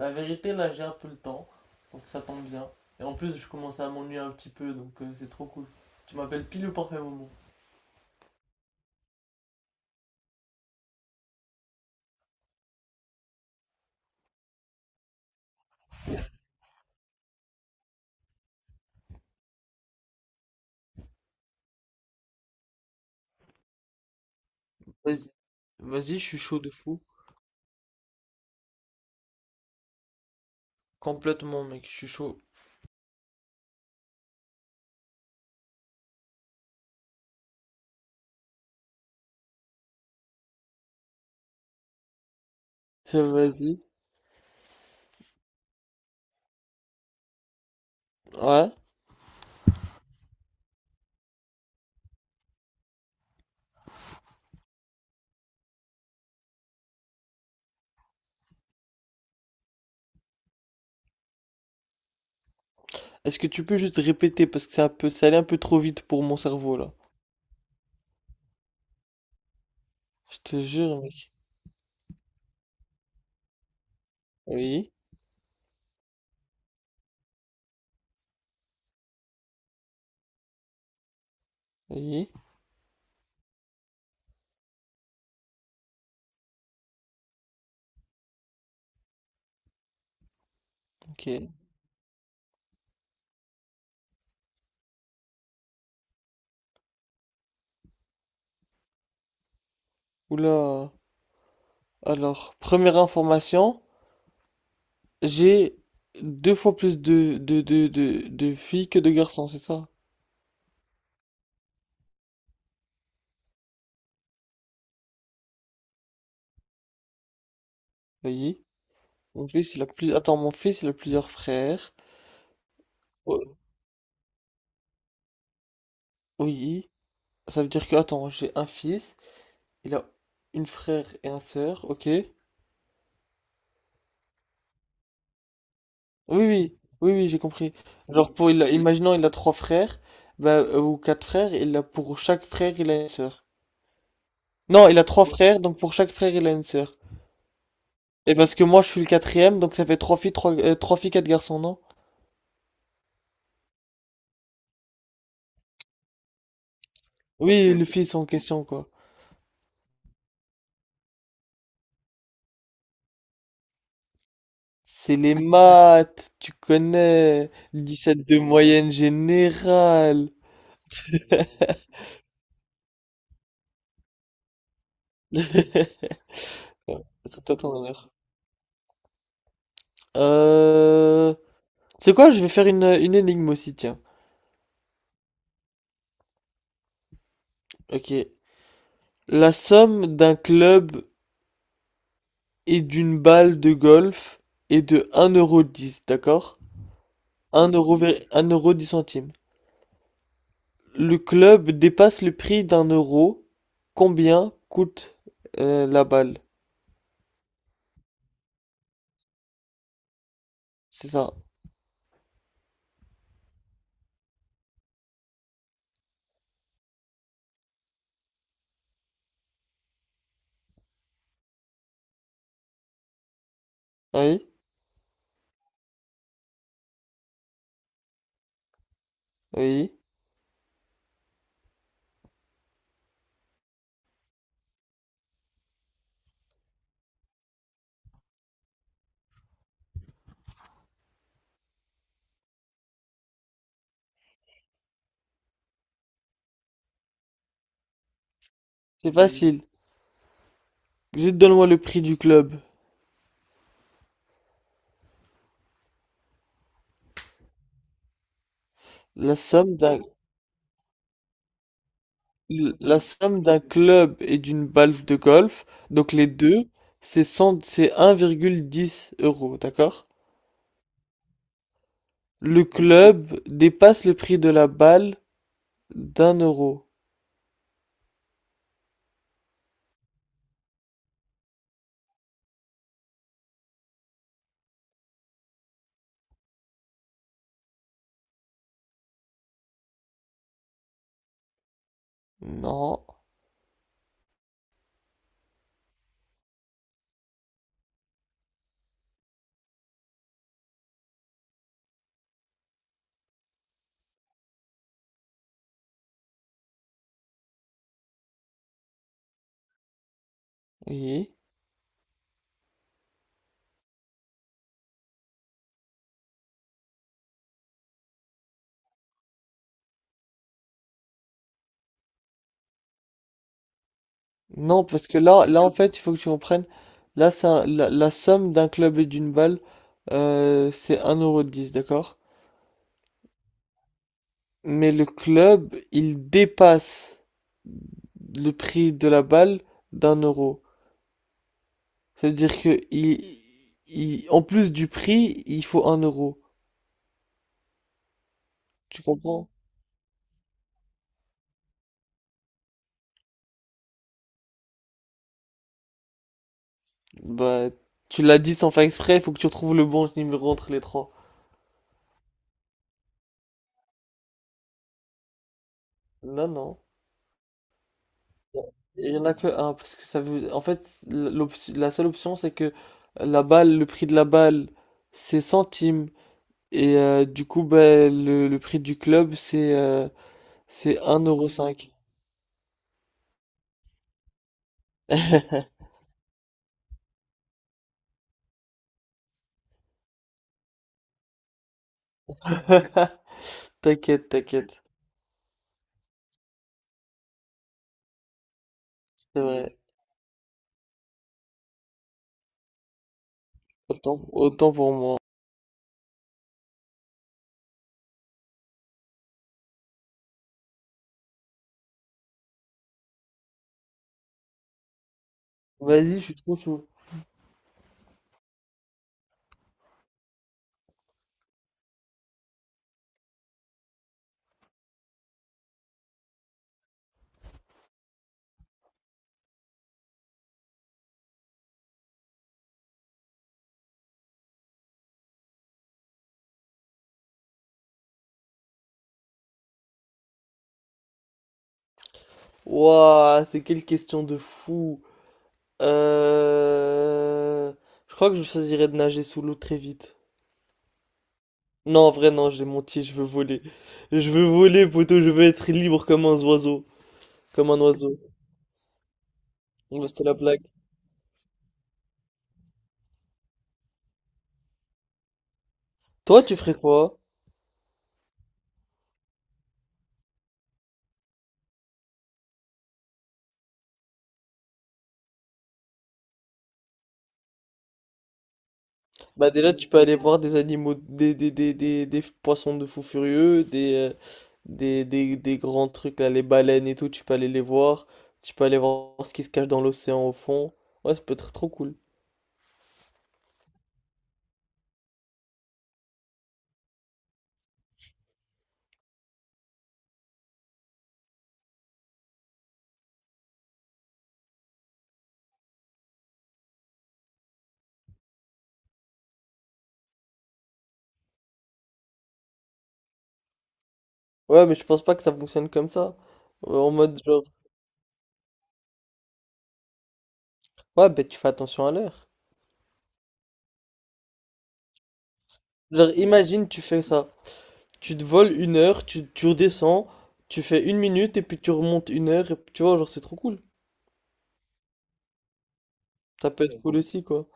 La vérité, là, j'ai un peu le temps, donc ça tombe bien. Et en plus, je commence à m'ennuyer un petit peu, donc c'est trop cool. Tu m'appelles pile au parfait moment. Vas-y. Vas-y, je suis chaud de fou. Complètement, mec, je suis chaud. Ça, vas-y. Ouais. Est-ce que tu peux juste répéter parce que c'est un peu, ça allait un peu trop vite pour mon cerveau là. Je te jure, mec. Oui, oui, ok. Oula. Alors, première information, j'ai deux fois plus de filles que de garçons, c'est ça? Oui. Mon fils, Attends, mon fils, il a plusieurs frères. Oh, oui. Ça veut dire que, attends, j'ai un fils, il a une frère et un sœur, ok? Oui, oui, oui, oui, j'ai compris. Genre, imaginons, il a trois frères, bah, ou quatre frères, il a, pour chaque frère, il a une sœur. Non, il a trois frères, donc pour chaque frère, il a une sœur. Et parce que moi, je suis le quatrième, donc ça fait trois filles, quatre garçons, non? Oui, le fils en question, quoi. C'est les maths, tu connais. 17 de moyenne générale. Ouais, c'est à ton honneur. Euh... C'est quoi? Je vais faire une énigme aussi, tiens. Ok. La somme d'un club et d'une balle de golf est de un euro dix, d'accord? Un euro dix centimes. Le club dépasse le prix d'un euro. Combien coûte la balle? C'est ça. Oui? Oui? C'est facile. Juste donne-moi le prix du club. La somme d'un... La somme d'un club et d'une balle de golf, donc les deux, c'est 100 c'est 1,10 euros, d'accord? Le club dépasse le prix de la balle d'un euro. Non, oui. Non, parce que là en fait, il faut que tu comprennes. Là, c'est la somme d'un club et d'une balle, c'est un euro dix, d'accord? Mais le club, il dépasse le prix de la balle d'un euro. C'est-à-dire que en plus du prix, il faut un euro. Tu comprends? Bah, tu l'as dit sans faire exprès, il faut que tu retrouves le bon numéro entre les trois. Non, non. Il y en a que un, parce que ça veut... En fait, la seule option, c'est que la balle, le prix de la balle, c'est centimes. Et du coup, bah, le prix du club, c'est 1,05 €. T'inquiète, t'inquiète. C'est vrai. Autant, autant pour moi. Vas-y, je suis trop chaud. Ouah, c'est quelle question de fou. Euh... Je crois que je choisirais de nager sous l'eau très vite. Non, en vrai, non, j'ai menti, je veux voler. Je veux voler, poteau, je veux être libre comme un oiseau. Comme un oiseau. Donc, là, c'était la blague. Toi, tu ferais quoi? Bah déjà, tu peux aller voir des animaux, des poissons de fou furieux, des grands trucs, là, les baleines et tout, tu peux aller les voir. Tu peux aller voir ce qui se cache dans l'océan au fond. Ouais, ça peut être trop cool. Ouais, mais je pense pas que ça fonctionne comme ça. En mode genre, ouais, ben tu fais attention à l'heure. Genre, imagine, tu fais ça. Tu te voles 1 heure, tu redescends, tu fais 1 minute et puis tu remontes 1 heure. Et, puis, tu vois, genre, c'est trop cool. Ça peut être cool aussi, quoi.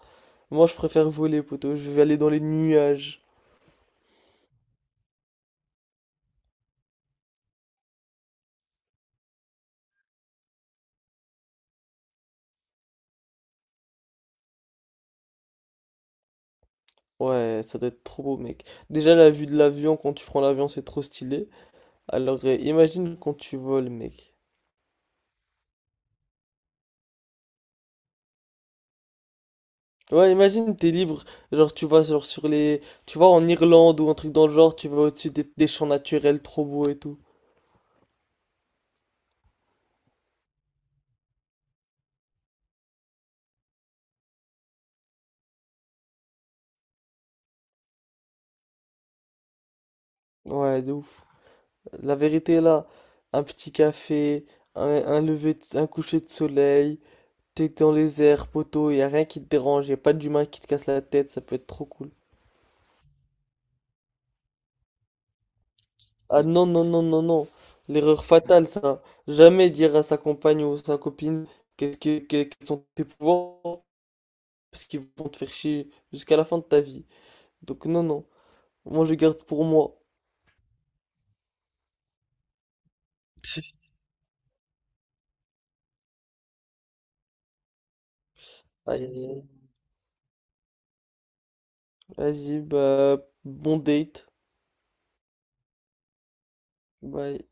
Moi, je préfère voler, poto. Je vais aller dans les nuages. Ouais, ça doit être trop beau, mec. Déjà, la vue de l'avion, quand tu prends l'avion, c'est trop stylé. Alors, imagine quand tu voles, mec. Ouais, imagine, t'es libre, genre tu vas genre sur les... Tu vas en Irlande ou un truc dans le genre, tu vas au-dessus des champs naturels trop beaux et tout. Ouais, de ouf. La vérité est là, un petit café, un coucher de soleil, t'es dans les airs, poteau, y a rien qui te dérange, y a pas d'humain qui te casse la tête, ça peut être trop cool. Ah non, non, non, non, non, l'erreur fatale ça. Jamais dire à sa compagne ou sa copine quels sont tes pouvoirs, parce qu'ils vont te faire chier jusqu'à la fin de ta vie. Donc non, non. Moi, je garde pour moi. Allez, vas-y, bah, bon date. Bye.